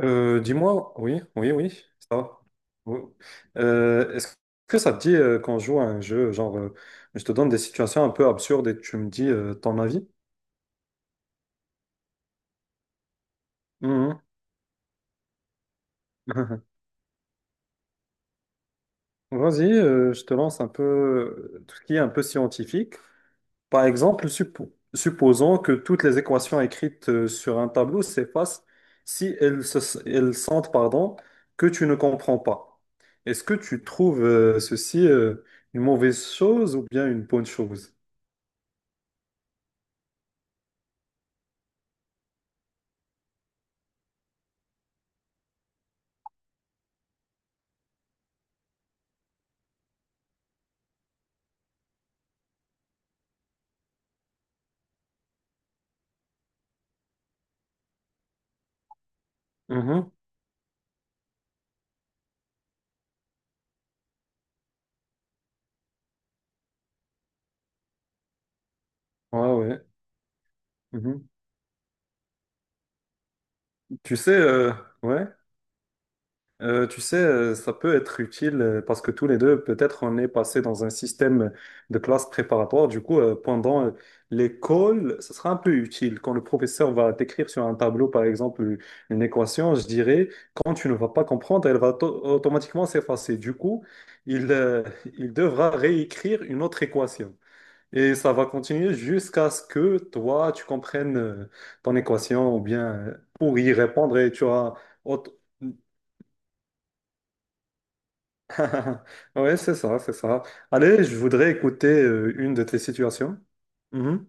Dis-moi, oui, oui, oui, ça va. Oui. Est-ce que ça te dit qu'on joue à un jeu, genre, je te donne des situations un peu absurdes et tu me dis ton avis? Mhm. Vas-y, je te lance un peu tout ce qui est un peu scientifique. Par exemple, supposons que toutes les équations écrites sur un tableau s'effacent si elles, elles sentent, pardon, que tu ne comprends pas. Est-ce que tu trouves ceci une mauvaise chose ou bien une bonne chose? Mhm. Ouais, ouais. Mhm. Tu sais, ouais. Tu sais, ça peut être utile parce que tous les deux, peut-être, on est passé dans un système de classe préparatoire. Du coup, pendant l'école, ce sera un peu utile. Quand le professeur va t'écrire sur un tableau, par exemple, une équation, je dirais, quand tu ne vas pas comprendre, elle va automatiquement s'effacer. Du coup, il, euh, il devra réécrire une autre équation. Et ça va continuer jusqu'à ce que toi, tu comprennes ton équation ou bien pour y répondre et tu as. autre- Ouais, c'est ça, c'est ça. Allez, je voudrais écouter une de tes situations. Mhm.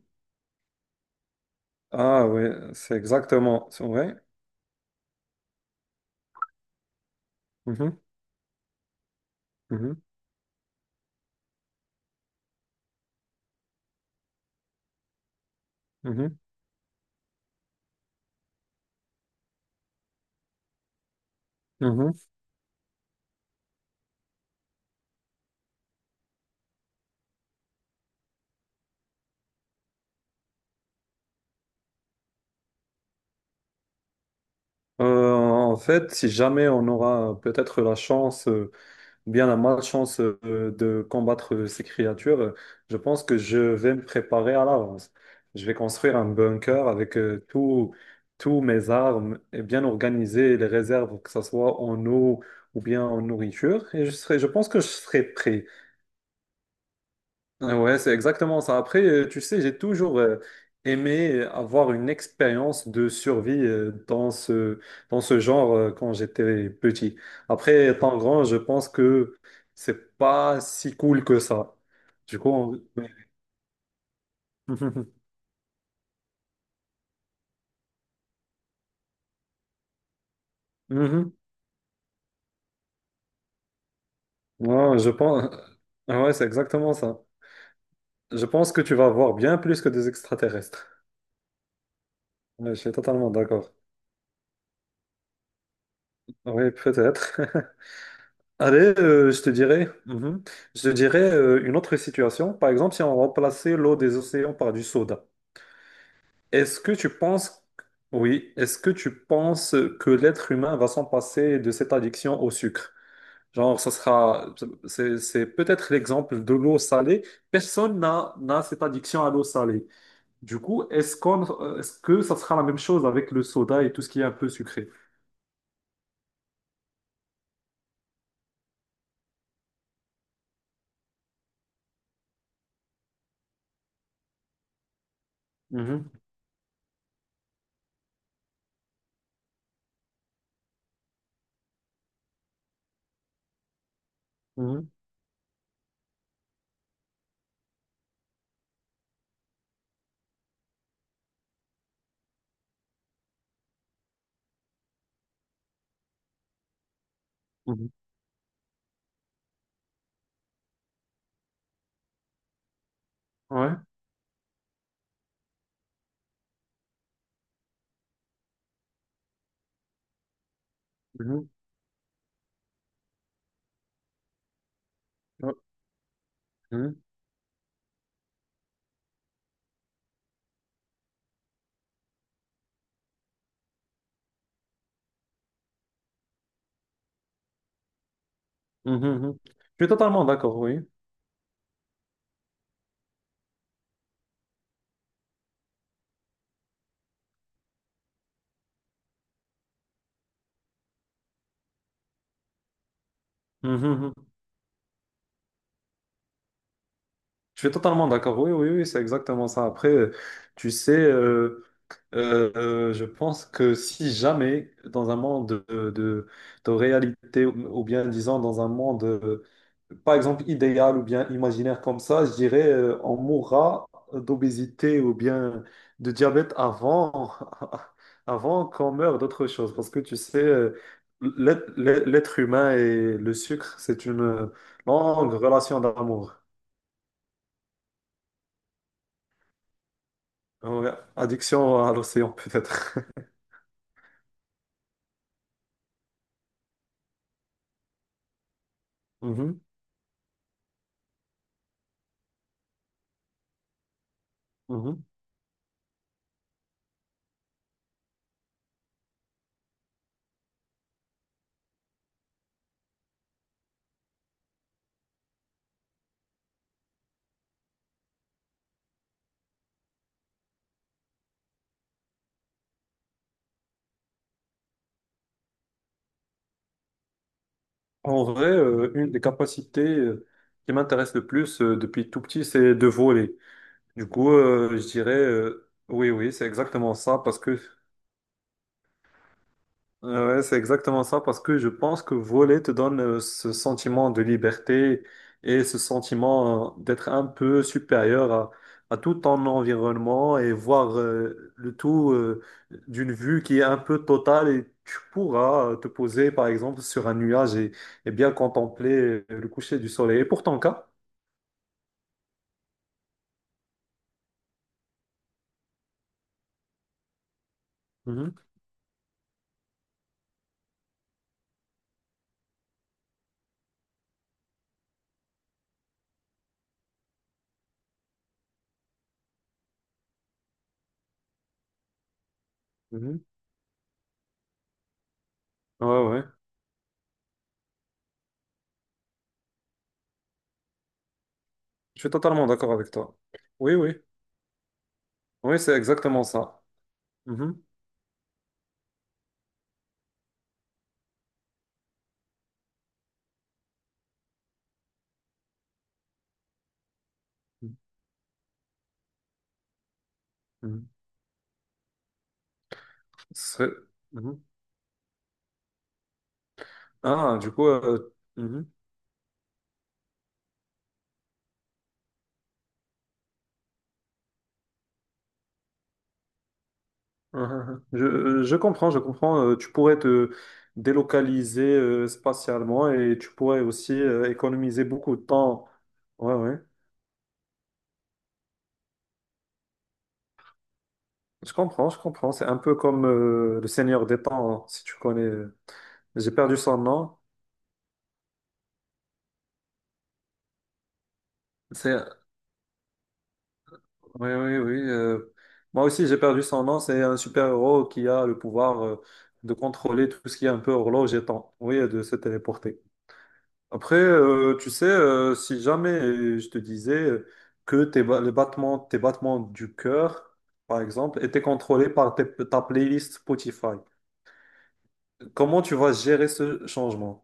Ah oui, c'est exactement, c'est vrai. Mhm, mhm, mhm, mhm. En fait, si jamais on aura peut-être la chance ou bien la malchance de combattre ces créatures, je pense que je vais me préparer à l'avance. Je vais construire un bunker avec tous mes armes et bien organiser les réserves, que ce soit en eau ou bien en nourriture. Et je serai, je pense que je serai prêt. Ouais, c'est exactement ça. Après, tu sais, j'ai toujours aimé avoir une expérience de survie dans ce genre quand j'étais petit. Après, étant grand, je pense que c'est pas si cool que ça. Du coup, ouais. Mhm. Ouais, je pense. Ouais, c'est exactement ça. Je pense que tu vas voir bien plus que des extraterrestres. Ouais, je suis totalement d'accord. Oui, peut-être. Allez, je te dirais, mhm. Je te dirais une autre situation. Par exemple, si on remplaçait l'eau des océans par du soda, est-ce que tu penses, oui, est-ce que tu penses que l'être humain va s'en passer de cette addiction au sucre? Genre, c'est peut-être l'exemple de l'eau salée. Personne n'a cette addiction à l'eau salée. Du coup, est-ce que ça sera la même chose avec le soda et tout ce qui est un peu sucré? Mhm, mhm, mhm. Ouais. Mhm, ouais, mhm. Mhm, mhm. Je suis totalement d'accord, oui. Mhm, mhm. Je suis totalement d'accord, oui, oui, oui, c'est exactement ça. Après, tu sais, je pense que si jamais, dans un monde de réalité, ou bien disons dans un monde, par exemple, idéal ou bien imaginaire comme ça, je dirais, on mourra d'obésité ou bien de diabète avant, avant qu'on meure d'autre chose. Parce que tu sais, l'être humain et le sucre, c'est une longue relation d'amour. Ouais, addiction à l'océan, peut-être. Mhm, mhm. En vrai, une des capacités qui m'intéresse le plus depuis tout petit, c'est de voler. Du coup, je dirais, oui, oui, c'est exactement ça, parce que Ouais, c'est exactement ça, parce que je pense que voler te donne ce sentiment de liberté et ce sentiment d'être un peu supérieur à tout ton environnement et voir le tout d'une vue qui est un peu totale et tu pourras te poser par exemple sur un nuage et bien contempler le coucher du soleil. Et pour ton cas? Mhm, mhm. Ouais, ouais, je suis totalement d'accord avec toi. Oui, oui, oui, c'est exactement ça. Mhm, mhm. Ce serait- Mhm. Ah, du coup, mhm. Ah, ah, ah. Je comprends, je comprends. Tu pourrais te délocaliser spatialement et tu pourrais aussi économiser beaucoup de temps. Ouais, ouais. Je comprends, je comprends. C'est un peu comme le Seigneur des Temps, hein, si tu connais. J'ai perdu son nom. C'est... Oui, oui, oui. Moi aussi, j'ai perdu son nom. C'est un super-héros qui a le pouvoir de contrôler tout ce qui est un peu horloge et temps. Oui, et de se téléporter. Après, tu sais, si jamais je te disais que les battements, tes battements du cœur, par exemple, étaient contrôlés par ta playlist Spotify, comment tu vas gérer ce changement?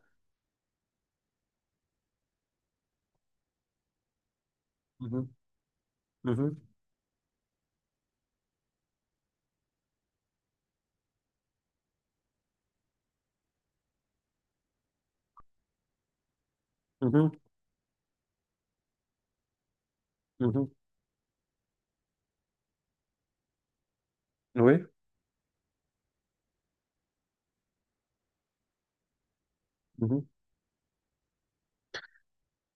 Mhm, mhm, mhm, mhm. Oui. Mhm.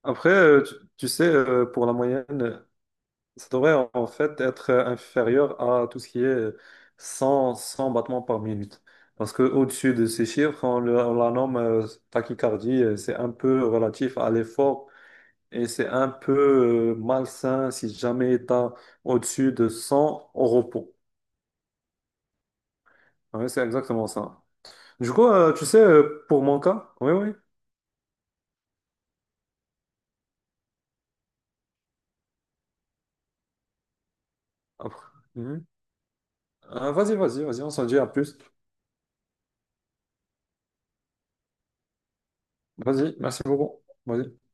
Après, tu sais, pour la moyenne, ça devrait en fait être inférieur à tout ce qui est 100, 100 battements par minute. Parce que au-dessus de ces chiffres, on la nomme tachycardie. C'est un peu relatif à l'effort et c'est un peu malsain si jamais tu as au-dessus de 100 au repos. Ouais, c'est exactement ça. Du coup, tu sais, pour mon cas, oui, oui. Après. Mhm. Vas-y, vas-y, vas-y, on s'en dit à plus. Vas-y, merci beaucoup. Vas-y.